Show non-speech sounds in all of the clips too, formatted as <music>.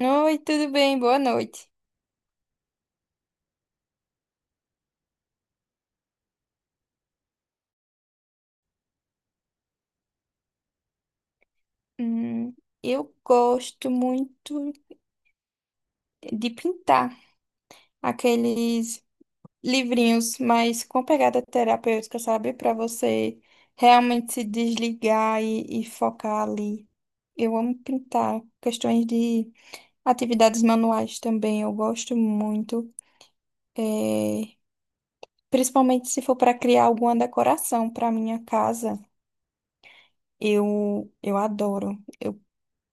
Oi, tudo bem? Boa noite. Hum, eu gosto muito de pintar aqueles livrinhos, mas com pegada terapêutica, sabe? Para você realmente se desligar e focar ali. Eu amo pintar. Questões de atividades manuais também, eu gosto muito. É, principalmente se for para criar alguma decoração para minha casa, eu adoro. Eu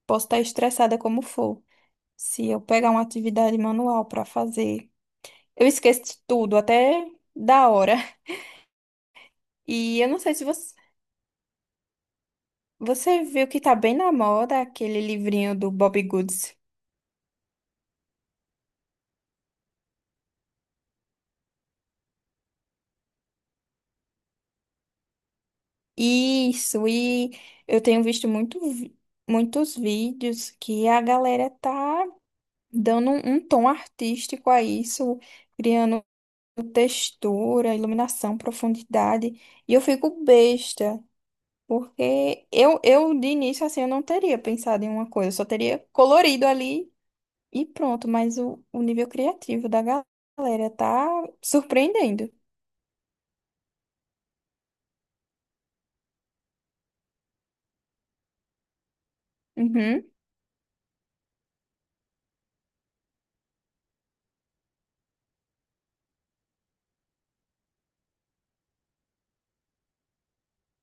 posso estar estressada como for. Se eu pegar uma atividade manual para fazer, eu esqueço de tudo, até da hora. <laughs> E eu não sei se você viu que tá bem na moda aquele livrinho do Bob Goods. Isso, e eu tenho visto muito, muitos vídeos que a galera tá dando um tom artístico a isso, criando textura, iluminação, profundidade. E eu fico besta. Porque eu de início, assim, eu não teria pensado em uma coisa, eu só teria colorido ali e pronto, mas o nível criativo da galera tá surpreendendo. Uhum.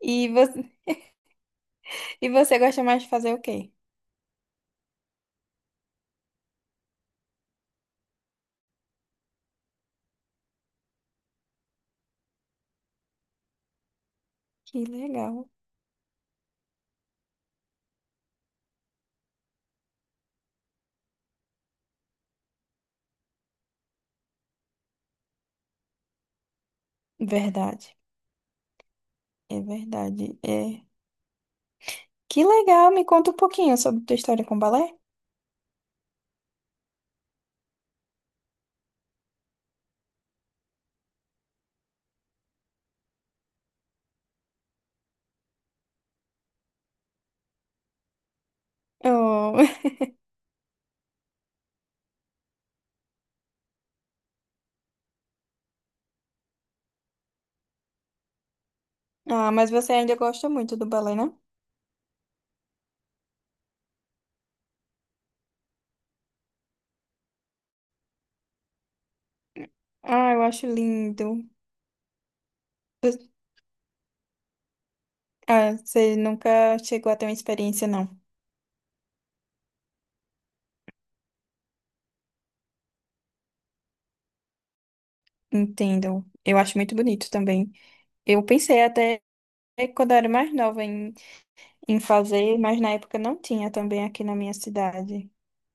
E você, <laughs> e você gosta mais de fazer o quê? Que legal. Verdade, verdade. É. Que legal, me conta um pouquinho sobre tua história com o balé. Oh. <laughs> Ah, mas você ainda gosta muito do balé, né? Ah, eu acho lindo. Ah, você nunca chegou a ter uma experiência, não. Entendo. Eu acho muito bonito também. Eu pensei até quando eu era mais nova em fazer, mas na época não tinha também aqui na minha cidade.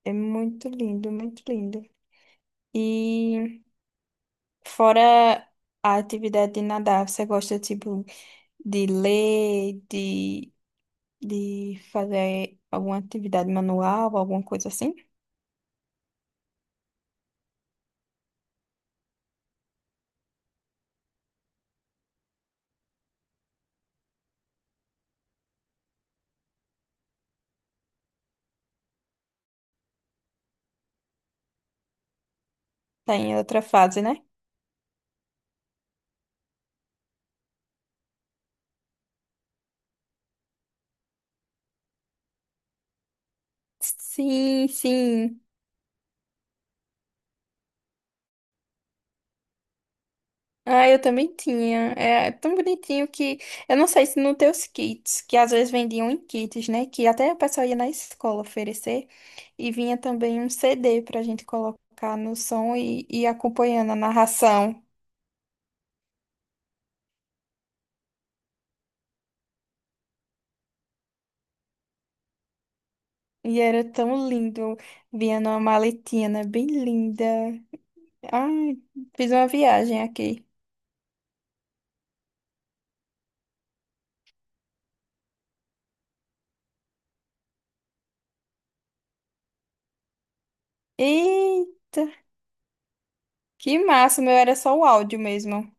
É muito lindo, muito lindo. E fora a atividade de nadar, você gosta tipo de ler, de fazer alguma atividade manual, alguma coisa assim? Tá em outra fase, né? Sim, sim. Ah, eu também tinha. É é tão bonitinho que. Eu não sei se no teus kits, que às vezes vendiam em kits, né? Que até a pessoa ia na escola oferecer. E vinha também um CD pra gente colocar no som e ir acompanhando a narração. E era tão lindo. Vinha numa maletinha, né? Bem linda. Ai, fiz uma viagem aqui. Eita, que massa! O meu era só o áudio mesmo.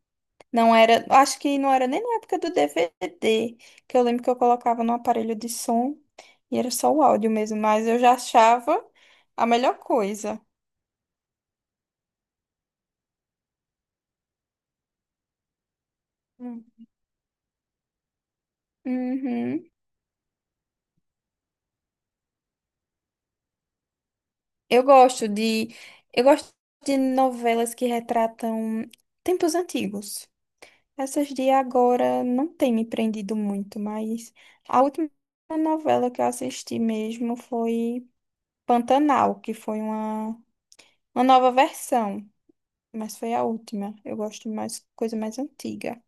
Não era, acho que não era nem na época do DVD, que eu lembro que eu colocava no aparelho de som e era só o áudio mesmo, mas eu já achava a melhor coisa. Hum. Uhum. Eu gosto de, eu gosto de novelas que retratam tempos antigos. Essas de agora não tem me prendido muito, mas a última novela que eu assisti mesmo foi Pantanal, que foi uma nova versão. Mas foi a última. Eu gosto de mais coisa mais antiga.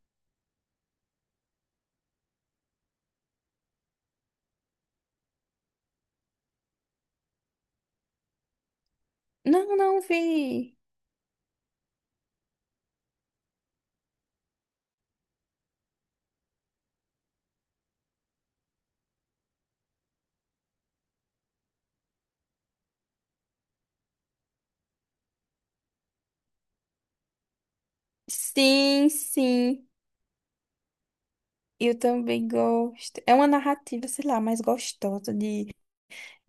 Não, não vi. Sim, sim. Eu também gosto. É uma narrativa, sei lá, mais gostosa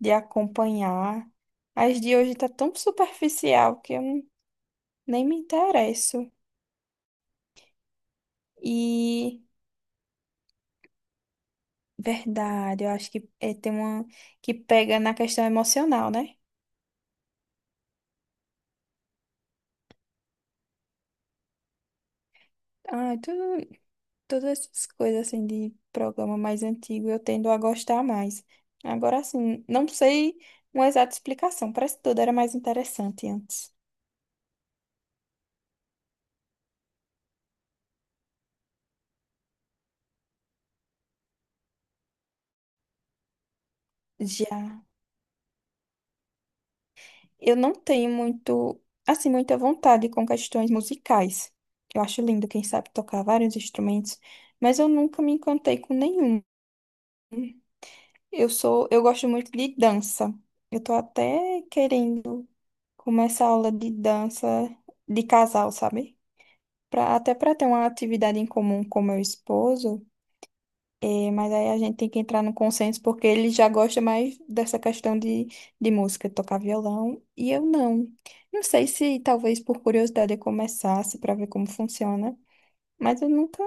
de acompanhar. As de hoje tá tão superficial que eu não- nem me interesso. E verdade, eu acho que é, tem uma que pega na questão emocional, né? Ai, tu. Todas essas coisas assim de programa mais antigo, eu tendo a gostar mais. Agora assim, não sei uma exata explicação, parece que tudo era mais interessante antes. Já eu não tenho muito, assim, muita vontade com questões musicais. Eu acho lindo, quem sabe tocar vários instrumentos, mas eu nunca me encantei com nenhum. Eu sou, eu gosto muito de dança. Eu tô até querendo começar aula de dança de casal, sabe? Pra- até para ter uma atividade em comum com meu esposo, é, mas aí a gente tem que entrar no consenso porque ele já gosta mais dessa questão de música, de tocar violão, e eu não. Não sei se talvez por curiosidade eu começasse para ver como funciona, mas eu nunca,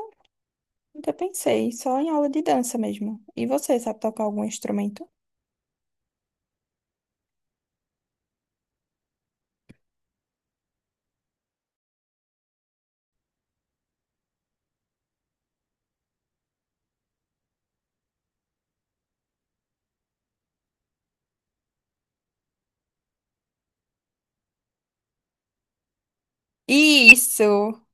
nunca pensei, só em aula de dança mesmo. E você, sabe tocar algum instrumento? Isso!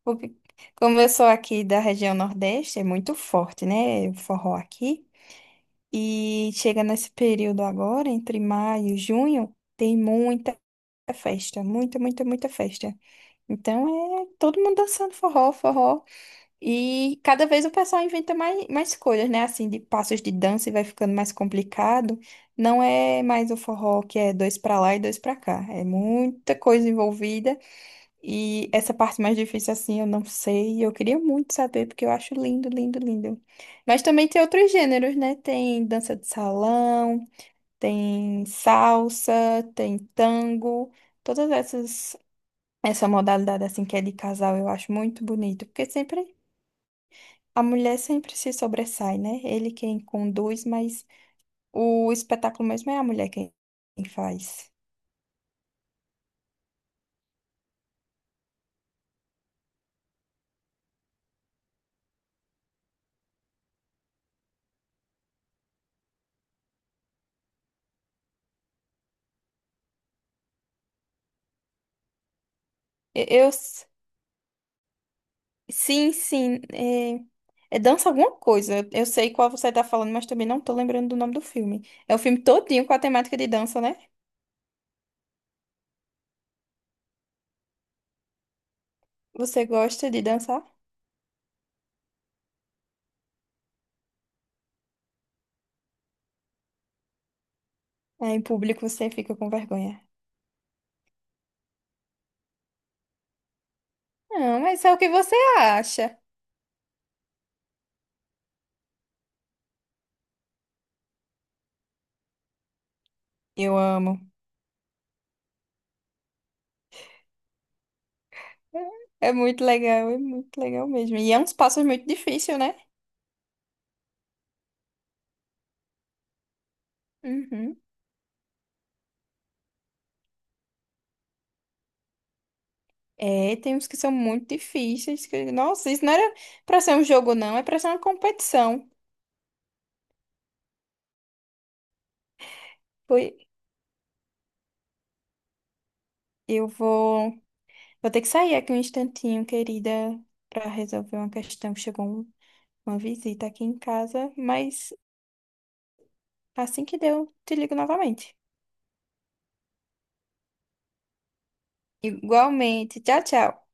Porque como eu sou aqui da região Nordeste, é muito forte, né? O forró aqui. E chega nesse período agora, entre maio e junho, tem muita festa, muita, muita, muita festa. Então é todo mundo dançando forró, forró. E cada vez o pessoal inventa mais coisas, né? Assim, de passos de dança e vai ficando mais complicado. Não é mais o forró que é dois pra lá e dois pra cá. É muita coisa envolvida. E essa parte mais difícil, assim, eu não sei. Eu queria muito saber, porque eu acho lindo, lindo, lindo. Mas também tem outros gêneros, né? Tem dança de salão, tem salsa, tem tango. Todas essas, essa modalidade, assim, que é de casal, eu acho muito bonito. Porque sempre, a mulher sempre se sobressai, né? Ele quem conduz, mas o espetáculo mesmo é a mulher quem quem faz. E- Eu Sim, sim. É, é Dança Alguma Coisa. Eu sei qual você tá falando, mas também não tô lembrando do nome do filme. É o filme todinho com a temática de dança, né? Você gosta de dançar? Ah, em público você fica com vergonha. Não, mas é o que você acha. Eu amo. É muito legal mesmo. E é uns passos muito difícil, né? Uhum. É, tem uns que são muito difíceis. Que- Nossa, isso não era pra ser um jogo, não. É pra ser uma competição. Foi. Eu vou. Vou ter que sair aqui um instantinho, querida, para resolver uma questão. Chegou uma visita aqui em casa, mas assim que deu, te ligo novamente. Igualmente. Tchau, tchau.